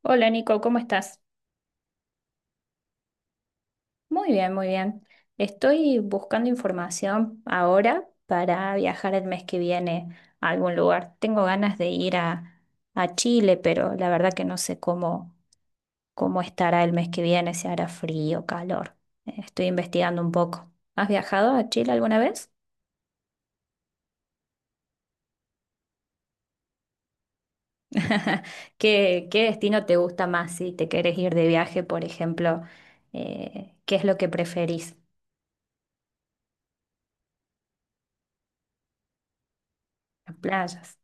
Hola Nico, ¿cómo estás? Muy bien, muy bien. Estoy buscando información ahora para viajar el mes que viene a algún lugar. Tengo ganas de ir a Chile, pero la verdad que no sé cómo estará el mes que viene, si hará frío, calor. Estoy investigando un poco. ¿Has viajado a Chile alguna vez? ¿Qué destino te gusta más si te querés ir de viaje, por ejemplo? ¿Qué es lo que preferís? ¿Las playas?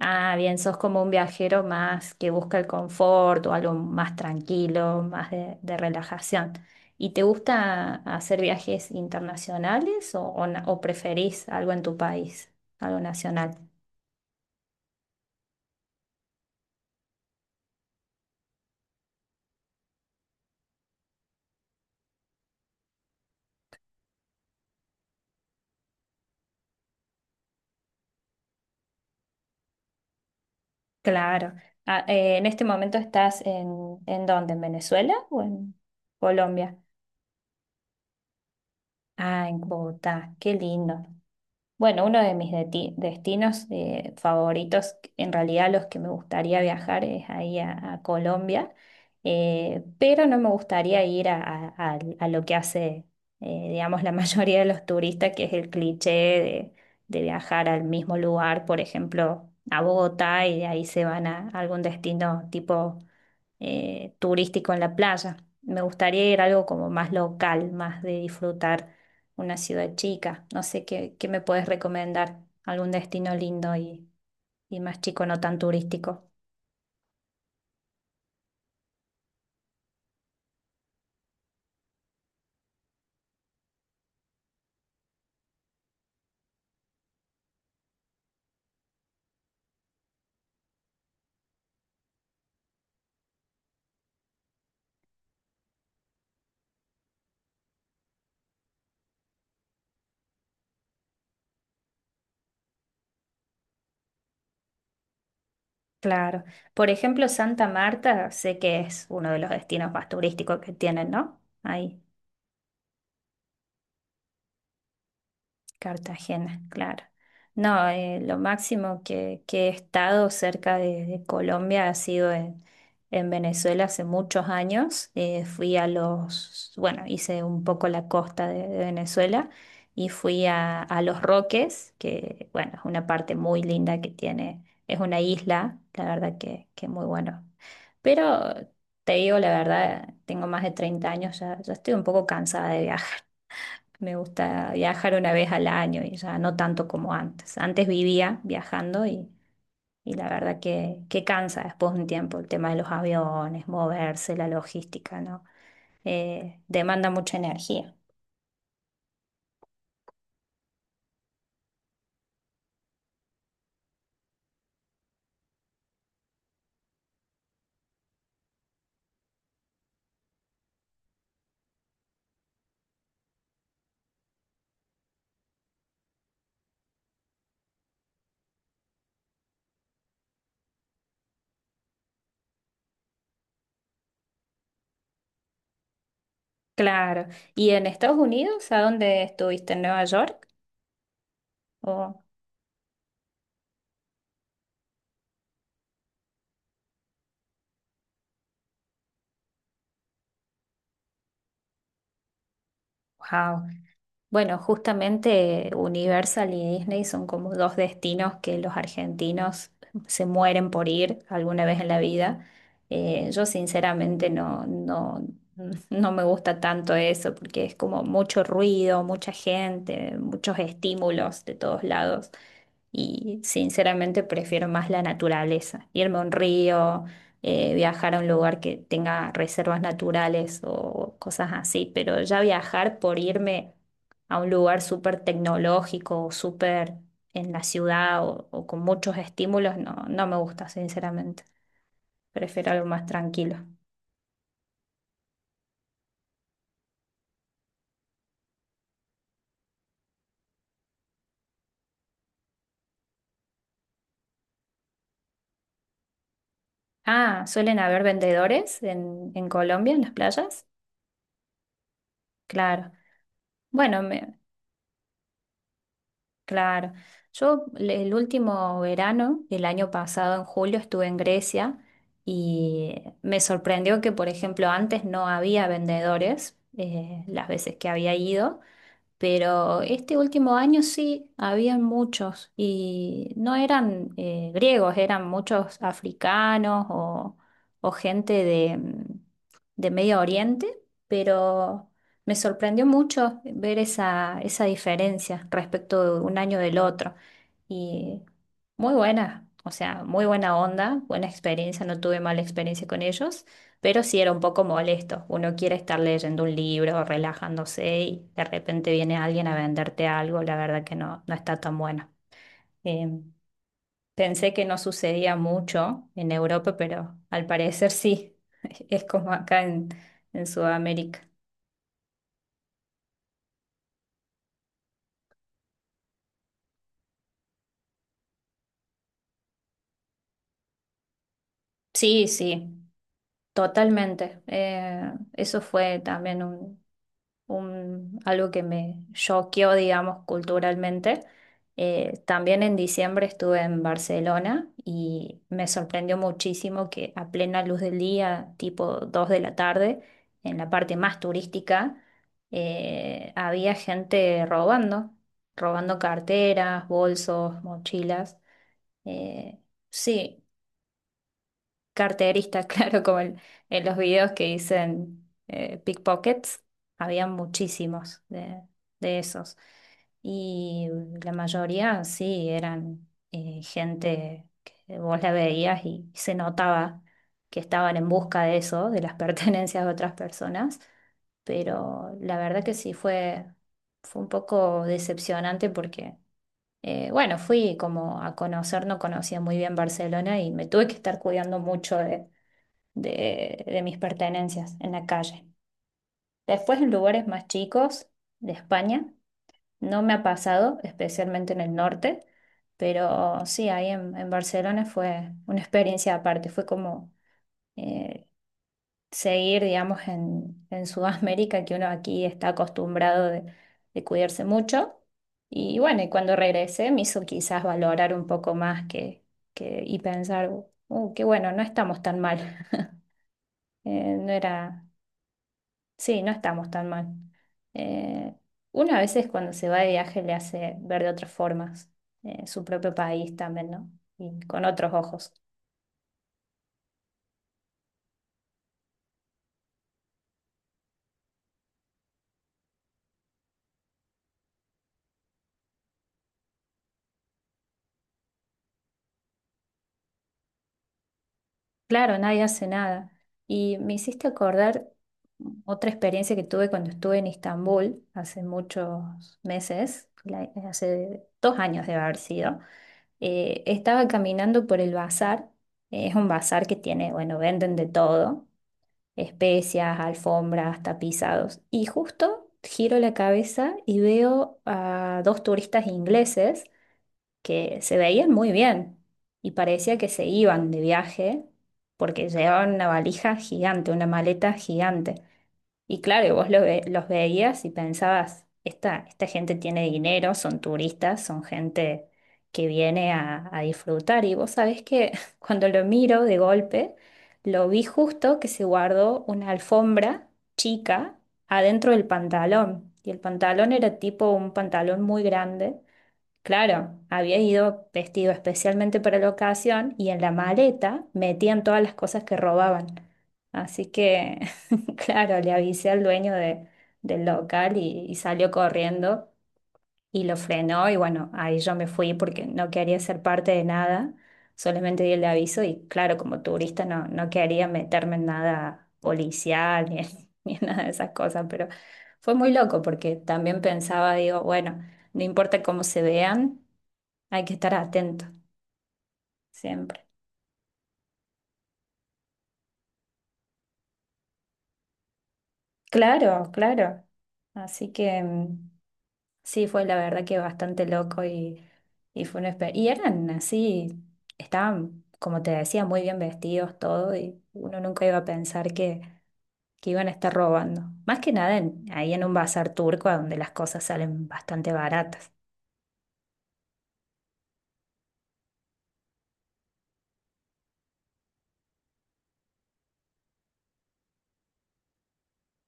Ah, bien, sos como un viajero más que busca el confort o algo más tranquilo, más de relajación. ¿Y te gusta hacer viajes internacionales o preferís algo en tu país, algo nacional? Claro. Ah, ¿en este momento estás en dónde? ¿En Venezuela o en Colombia? Ah, en Bogotá, qué lindo. Bueno, uno de mis destinos favoritos, en realidad los que me gustaría viajar es ahí a Colombia, pero no me gustaría ir a lo que hace, digamos, la mayoría de los turistas, que es el cliché de viajar al mismo lugar, por ejemplo, a Bogotá y de ahí se van a algún destino tipo turístico en la playa. Me gustaría ir a algo como más local, más de disfrutar una ciudad chica. No sé qué me puedes recomendar, algún destino lindo y más chico, no tan turístico. Claro. Por ejemplo, Santa Marta, sé que es uno de los destinos más turísticos que tienen, ¿no? Ahí. Cartagena, claro. No, lo máximo que he estado cerca de Colombia ha sido en Venezuela hace muchos años. Fui a hice un poco la costa de Venezuela y fui a Los Roques, que bueno, es una parte muy linda que tiene, es una isla, la verdad que muy bueno. Pero te digo la verdad, tengo más de 30 años, ya estoy un poco cansada de viajar. Me gusta viajar una vez al año y ya no tanto como antes. Antes vivía viajando y la verdad que cansa después de un tiempo el tema de los aviones, moverse, la logística, ¿no? Demanda mucha energía. Claro. ¿Y en Estados Unidos? ¿A dónde estuviste? ¿En Nueva York? Oh, wow. Bueno, justamente Universal y Disney son como dos destinos que los argentinos se mueren por ir alguna vez en la vida. Yo sinceramente no me gusta tanto eso porque es como mucho ruido, mucha gente, muchos estímulos de todos lados y sinceramente prefiero más la naturaleza, irme a un río, viajar a un lugar que tenga reservas naturales o cosas así, pero ya viajar por irme a un lugar súper tecnológico o súper en la ciudad o con muchos estímulos, no, no me gusta, sinceramente. Prefiero algo más tranquilo. Ah, ¿suelen haber vendedores en Colombia, en las playas? Claro. Bueno, me- claro. Yo el último verano, el año pasado, en julio, estuve en Grecia y me sorprendió que, por ejemplo, antes no había vendedores, las veces que había ido. Pero este último año sí, habían muchos y no eran griegos, eran muchos africanos o gente de Medio Oriente, pero me sorprendió mucho ver esa diferencia respecto de un año del otro. Y muy buena, o sea, muy buena onda, buena experiencia, no tuve mala experiencia con ellos. Pero sí era un poco molesto. Uno quiere estar leyendo un libro, relajándose y de repente viene alguien a venderte algo. La verdad que no, no está tan bueno. Eh, Pensé que no sucedía mucho en Europa, pero al parecer sí. Es como acá en, Sudamérica. Sí, sí, totalmente. Eso fue también algo que me choqueó, digamos, culturalmente. También en diciembre estuve en Barcelona y me sorprendió muchísimo que a plena luz del día, tipo 2 de la tarde, en la parte más turística, había gente robando, robando carteras, bolsos, mochilas. Eh, sí, carterista, claro, como en los videos que dicen pickpockets, había muchísimos de esos. Y la mayoría sí eran gente que vos la veías y se notaba que estaban en busca de eso, de las pertenencias de otras personas, pero la verdad que sí fue, un poco decepcionante porque bueno, fui como a conocer, no conocía muy bien Barcelona y me tuve que estar cuidando mucho de mis pertenencias en la calle. Después en lugares más chicos de España, no me ha pasado, especialmente en el norte, pero sí, ahí en, Barcelona fue una experiencia aparte, fue como eh, seguir, digamos, en Sudamérica, que uno aquí está acostumbrado de cuidarse mucho. Y bueno, y cuando regresé me hizo quizás valorar un poco más que, y pensar, qué bueno, no estamos tan mal. No era, sí, no estamos tan mal. Eh, Uno a veces cuando se va de viaje le hace ver de otras formas su propio país también, ¿no? Y con otros ojos. Claro, nadie hace nada. Y me hiciste acordar otra experiencia que tuve cuando estuve en Estambul hace muchos meses, hace 2 años debe haber sido. Estaba caminando por el bazar. Es un bazar que tiene, bueno, venden de todo, especias, alfombras, tapizados. Y justo giro la cabeza y veo a dos turistas ingleses que se veían muy bien y parecía que se iban de viaje porque llevaban una valija gigante, una maleta gigante. Y claro, vos los veías y pensabas, esta gente tiene dinero, son turistas, son gente que viene a disfrutar. Y vos sabés que cuando lo miro de golpe, lo vi justo que se guardó una alfombra chica adentro del pantalón. Y el pantalón era tipo un pantalón muy grande. Claro, había ido vestido especialmente para la ocasión y en la maleta metían todas las cosas que robaban. Así que, claro, le avisé al dueño del local y salió corriendo y lo frenó y bueno, ahí yo me fui porque no quería ser parte de nada, solamente di el aviso y claro, como turista no, no quería meterme en nada policial ni en, ni en nada de esas cosas, pero fue muy loco porque también pensaba, digo, bueno, no importa cómo se vean. Hay que estar atento siempre. Claro, claro. Así que sí, fue la verdad que bastante loco y fue una experiencia. Y eran así, estaban, como te decía, muy bien vestidos todo y uno nunca iba a pensar que, iban a estar robando. Más que nada ahí en un bazar turco donde las cosas salen bastante baratas.